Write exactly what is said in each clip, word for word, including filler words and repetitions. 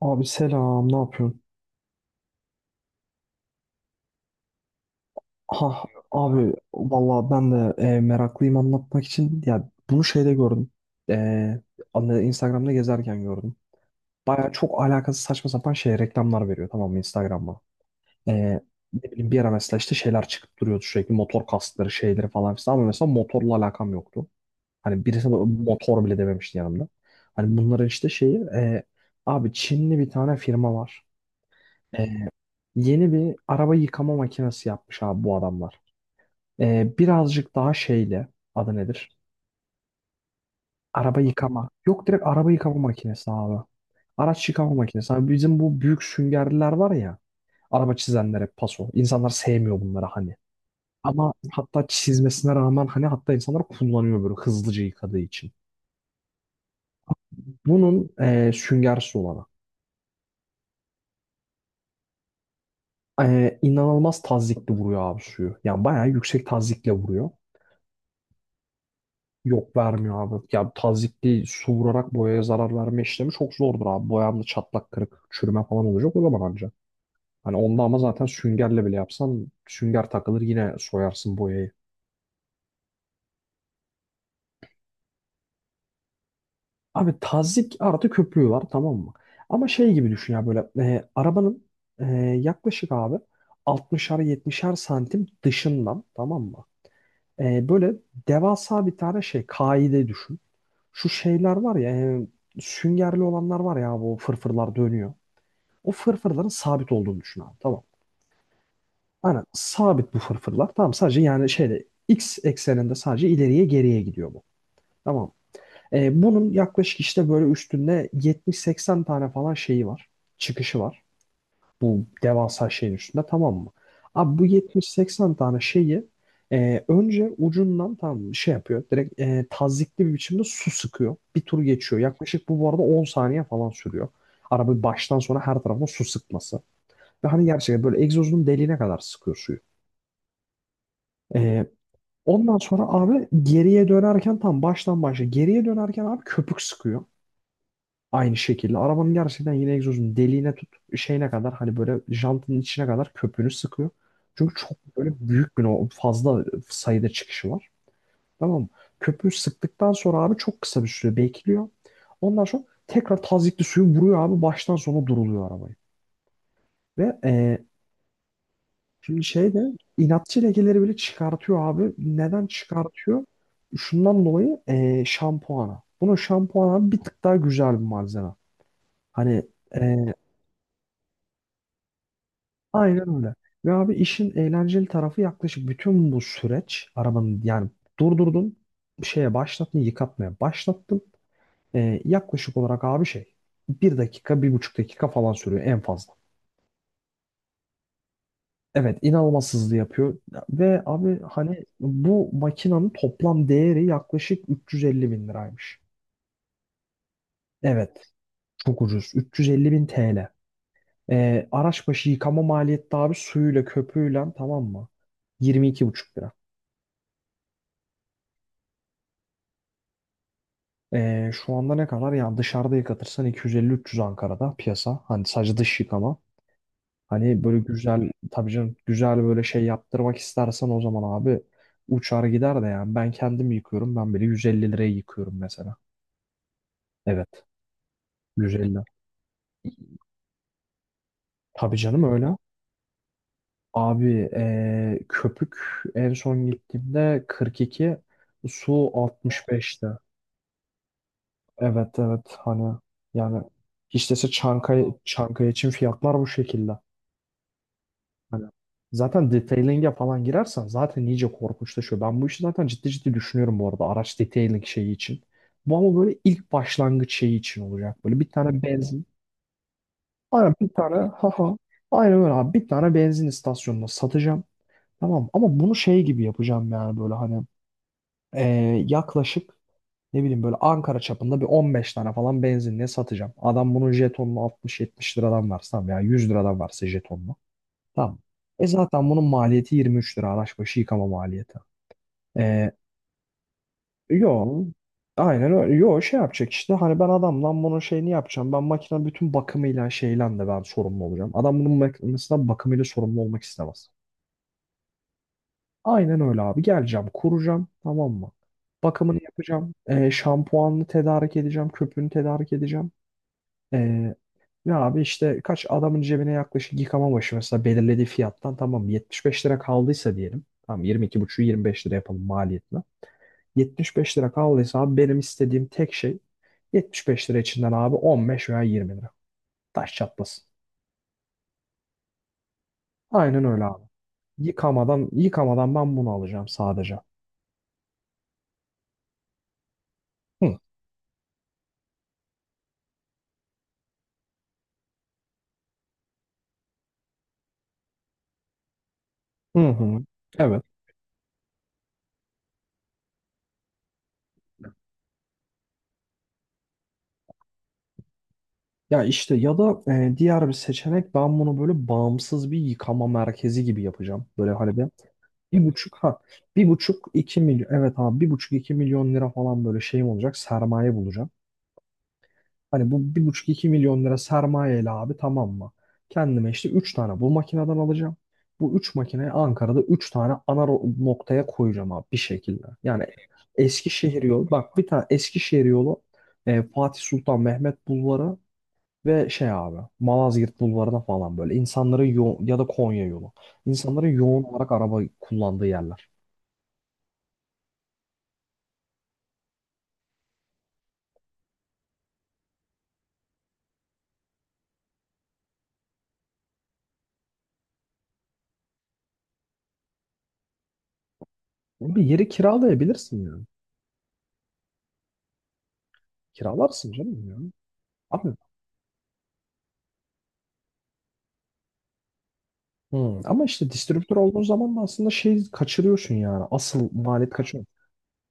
Abi selam, ne yapıyorsun? Ha abi vallahi ben de e, meraklıyım anlatmak için. Ya bunu şeyde gördüm. E, anne- Instagram'da gezerken gördüm. Baya çok alakasız saçma sapan şey reklamlar veriyor tamam mı Instagram'a. E, Ne bileyim bir ara mesela işte şeyler çıkıp duruyordu sürekli motor kaskları şeyleri falan filan, ama mesela motorla alakam yoktu. Hani birisi de motor bile dememişti yanımda. Hani bunların işte şeyi e, abi Çinli bir tane firma var. Ee, Yeni bir araba yıkama makinesi yapmış abi bu adamlar. Ee, birazcık daha şeyle adı nedir? Araba yıkama. Yok, direkt araba yıkama makinesi abi. Araç yıkama makinesi. Abi bizim bu büyük süngerliler var ya. Araba çizenlere paso. İnsanlar sevmiyor bunları hani. Ama hatta çizmesine rağmen hani hatta insanlar kullanıyor böyle hızlıca yıkadığı için. Bunun e, süngersiz olanı. E, inanılmaz tazyikli vuruyor abi suyu. Yani bayağı yüksek tazyikle vuruyor. Yok, vermiyor abi. Ya tazyikli su vurarak boyaya zarar verme işlemi çok zordur abi. Boyamda çatlak kırık çürüme falan olacak o zaman anca. Hani onda ama zaten süngerle bile yapsan sünger takılır yine soyarsın boyayı. Abi tazyik artı köpüğü var tamam mı? Ama şey gibi düşün ya böyle e, arabanın e, yaklaşık abi altmışar yetmişer santim dışından tamam mı? E, böyle devasa bir tane şey kaide düşün. Şu şeyler var ya e, süngerli olanlar var ya bu fırfırlar dönüyor. O fırfırların sabit olduğunu düşün abi. Tamam. Aynen sabit bu fırfırlar. Tamam, sadece yani şeyde x ekseninde sadece ileriye geriye gidiyor bu. Tamam. Ee, bunun yaklaşık işte böyle üstünde yetmiş seksen tane falan şeyi var. Çıkışı var. Bu devasa şeyin üstünde tamam mı? Abi bu yetmiş seksen tane şeyi e, önce ucundan tam şey yapıyor. Direkt e, tazyikli bir biçimde su sıkıyor. Bir tur geçiyor. Yaklaşık bu bu arada on saniye falan sürüyor. Araba baştan sona her tarafına su sıkması. Ve hani gerçekten böyle egzozunun deliğine kadar sıkıyor suyu. Ee, Ondan sonra abi geriye dönerken tam baştan başla. Geriye dönerken abi köpük sıkıyor. Aynı şekilde. Arabanın gerçekten yine egzozunun deliğine tut şeyine kadar hani böyle jantının içine kadar köpüğünü sıkıyor. Çünkü çok böyle büyük bir o fazla sayıda çıkışı var. Tamam mı? Köpüğü sıktıktan sonra abi çok kısa bir süre bekliyor. Ondan sonra tekrar tazyikli suyu vuruyor abi baştan sona duruluyor arabayı. Ve e, Şimdi şey de inatçı lekeleri bile çıkartıyor abi. Neden çıkartıyor? Şundan dolayı eee şampuana. Bunun şampuanı bir tık daha güzel bir malzeme. Hani eee aynen öyle. Ve abi işin eğlenceli tarafı yaklaşık bütün bu süreç arabanın yani durdurdun şeye başlattın yıkatmaya başlattın. Eee, yaklaşık olarak abi şey bir dakika bir buçuk dakika falan sürüyor en fazla. Evet, inanılmaz hızlı yapıyor ve abi hani bu makinenin toplam değeri yaklaşık 350 bin liraymış. Evet, çok ucuz. 350 bin T L. Ee, araç başı yıkama maliyeti de abi suyuyla köpüğüyle tamam mı? Yirmi iki buçuk lira. Ee, şu anda ne kadar? Yani dışarıda yıkatırsan iki yüz elli üç yüz Ankara'da piyasa. Hani sadece dış yıkama. Hani böyle güzel tabii canım, güzel böyle şey yaptırmak istersen o zaman abi uçar gider de, yani ben kendim yıkıyorum. Ben bile yüz elli liraya yıkıyorum mesela. Evet. Nutella. Tabii canım öyle. Abi eee, köpük en son gittiğimde kırk iki, su altmış beşte. Evet, evet, hani yani hiç dese, Çankaya, Çankaya için fiyatlar bu şekilde. Hani zaten detailing'e falan girersen zaten iyice korkunçlaşıyor. Ben bu işi zaten ciddi ciddi düşünüyorum bu arada, araç detailing şeyi için. Bu ama böyle ilk başlangıç şeyi için olacak. Böyle bir tane benzin. Aynen bir tane. Ha ha. Aynen öyle abi. Bir tane benzin istasyonuna satacağım. Tamam, ama bunu şey gibi yapacağım yani böyle hani eee, yaklaşık ne bileyim böyle Ankara çapında bir on beş tane falan benzinliğe satacağım. Adam bunun jetonunu altmış yetmiş liradan varsa tamam ya yüz liradan varsa jetonunu. Tamam. E zaten bunun maliyeti yirmi üç lira, araç başı yıkama maliyeti. Eee Yo, aynen öyle. Yo, şey yapacak işte hani ben adamdan bunun şeyini yapacağım. Ben makinenin bütün bakımıyla şeyle de ben sorumlu olacağım. Adam bunun makinesinden bakımıyla sorumlu olmak istemez. Aynen öyle abi. Geleceğim, kuracağım, tamam mı? Bakımını yapacağım. E, şampuanını tedarik edeceğim, köpüğünü tedarik edeceğim. E, Ya abi işte kaç adamın cebine yaklaşık yıkama başı mesela belirlediği fiyattan tamam yetmiş beş lira kaldıysa diyelim. Tamam, yirmi iki buçuğu yirmi beş lira yapalım maliyetine. Yetmiş beş lira kaldıysa abi benim istediğim tek şey, yetmiş beş lira içinden abi on beş veya yirmi lira. Taş çatlasın. Aynen öyle abi. Yıkamadan yıkamadan ben bunu alacağım sadece. Hı hı. Hı. Evet. Ya işte ya da e, diğer bir seçenek ben bunu böyle bağımsız bir yıkama merkezi gibi yapacağım. Böyle hani bir, bir buçuk, ha bir buçuk iki milyon, evet abi bir buçuk iki milyon lira falan böyle şeyim olacak, sermaye bulacağım. Hani bu bir buçuk iki milyon lira sermayeyle abi tamam mı? Kendime işte üç tane bu makineden alacağım. Bu üç makineyi Ankara'da üç tane ana ro- noktaya koyacağım abi bir şekilde. Yani Eskişehir yolu bak, bir tane Eskişehir yolu, e, Fatih Sultan Mehmet Bulvarı ve şey abi Malazgirt Bulvarı'na falan, böyle insanların yoğun, ya da Konya yolu. İnsanların yoğun olarak araba kullandığı yerler. Oğlum, bir yeri kiralayabilirsin yani. Kiralarsın canım ya. Abi, hı, ama işte distribütör olduğun zaman da aslında şey kaçırıyorsun yani. Asıl maliyet kaçıyor.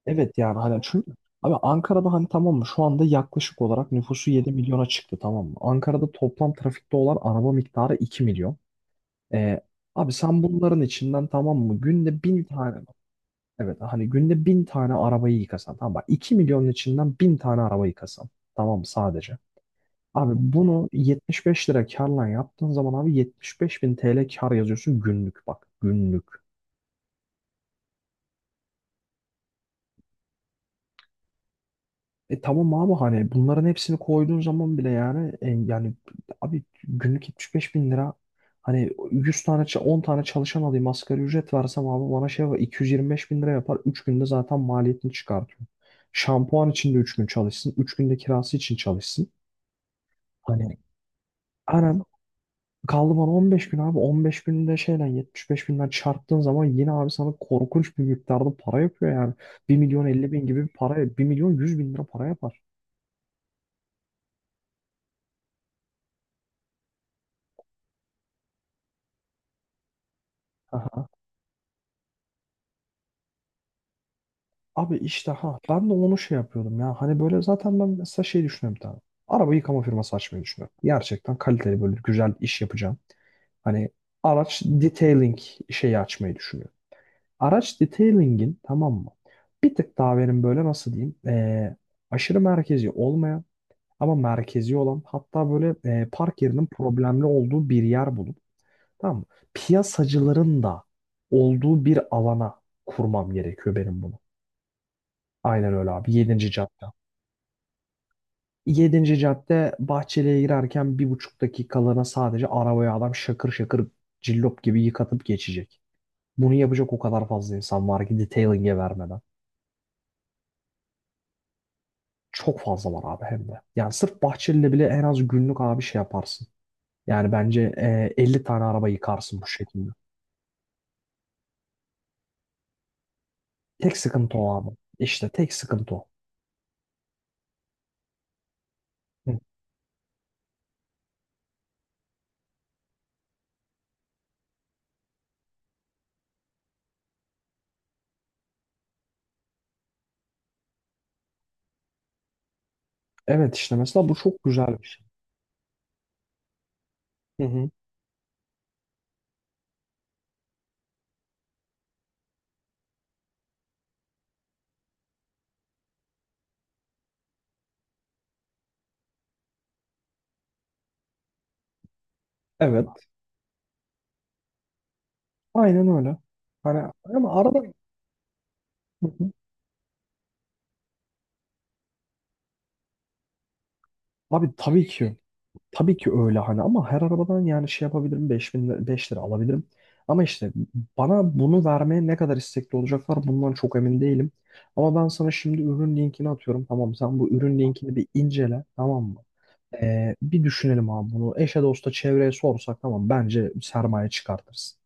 Evet, yani hani çünkü abi Ankara'da hani tamam mı şu anda yaklaşık olarak nüfusu yedi milyona çıktı tamam mı? Ankara'da toplam trafikte olan araba miktarı iki milyon. Ee, Abi sen bunların içinden tamam mı günde bin tane. Evet, hani günde bin tane arabayı yıkasan tamam bak, iki milyonun içinden bin tane araba yıkasan tamam mı sadece. Abi bunu yetmiş beş lira karla yaptığın zaman abi yetmiş beş bin T L kar yazıyorsun günlük, bak günlük. E tamam abi hani bunların hepsini koyduğun zaman bile yani e, yani abi günlük yetmiş beş bin lira, hani yüz tane ça- on tane çalışan alayım asgari ücret versem abi bana şey var iki yüz yirmi beş bin lira yapar, üç günde zaten maliyetini çıkartıyor. Şampuan için de üç gün çalışsın, üç günde kirası için çalışsın. Hani aynen, kaldı bana on beş gün abi. on beş günde şeyle yetmiş beş binden çarptığın zaman yine abi sana korkunç bir miktarda para yapıyor yani. Bir milyon elli bin gibi bir para, bir milyon yüz bin lira para yapar. Aha. Abi işte ha ben de onu şey yapıyordum ya. Hani böyle zaten ben mesela şey düşünüyorum bir tane. Araba yıkama firması açmayı düşünüyorum. Gerçekten kaliteli böyle güzel iş yapacağım. Hani araç detailing şeyi açmayı düşünüyorum. Araç detailing'in tamam mı? Bir tık daha benim böyle nasıl diyeyim? Ee, aşırı merkezi olmayan, ama merkezi olan, hatta böyle e, park yerinin problemli olduğu bir yer bulup tamam mı? Piyasacıların da olduğu bir alana kurmam gerekiyor benim bunu. Aynen öyle abi. Yedinci cadde. Yedinci cadde Bahçeli'ye girerken bir buçuk dakikalığına sadece arabaya adam şakır şakır cillop gibi yıkatıp geçecek. Bunu yapacak o kadar fazla insan var ki detailing'e vermeden. Çok fazla var abi, hem de. Yani sırf Bahçeli'yle bile en az günlük abi şey yaparsın. Yani bence e, elli tane araba yıkarsın bu şekilde. Tek sıkıntı o abi. İşte tek sıkıntı o. Hı. Evet, işte mesela bu çok güzel bir şey. Hı hı. Evet. Aynen öyle. Hani ama arada, hı hı, abi tabii ki, tabii ki öyle hani, ama her arabadan yani şey yapabilirim beş bin beş lira alabilirim. Ama işte bana bunu vermeye ne kadar istekli olacaklar bundan çok emin değilim. Ama ben sana şimdi ürün linkini atıyorum. Tamam sen bu ürün linkini bir incele tamam mı? Ee, bir düşünelim abi bunu. Eşe dosta çevreye sorsak tamam bence sermaye çıkartırız.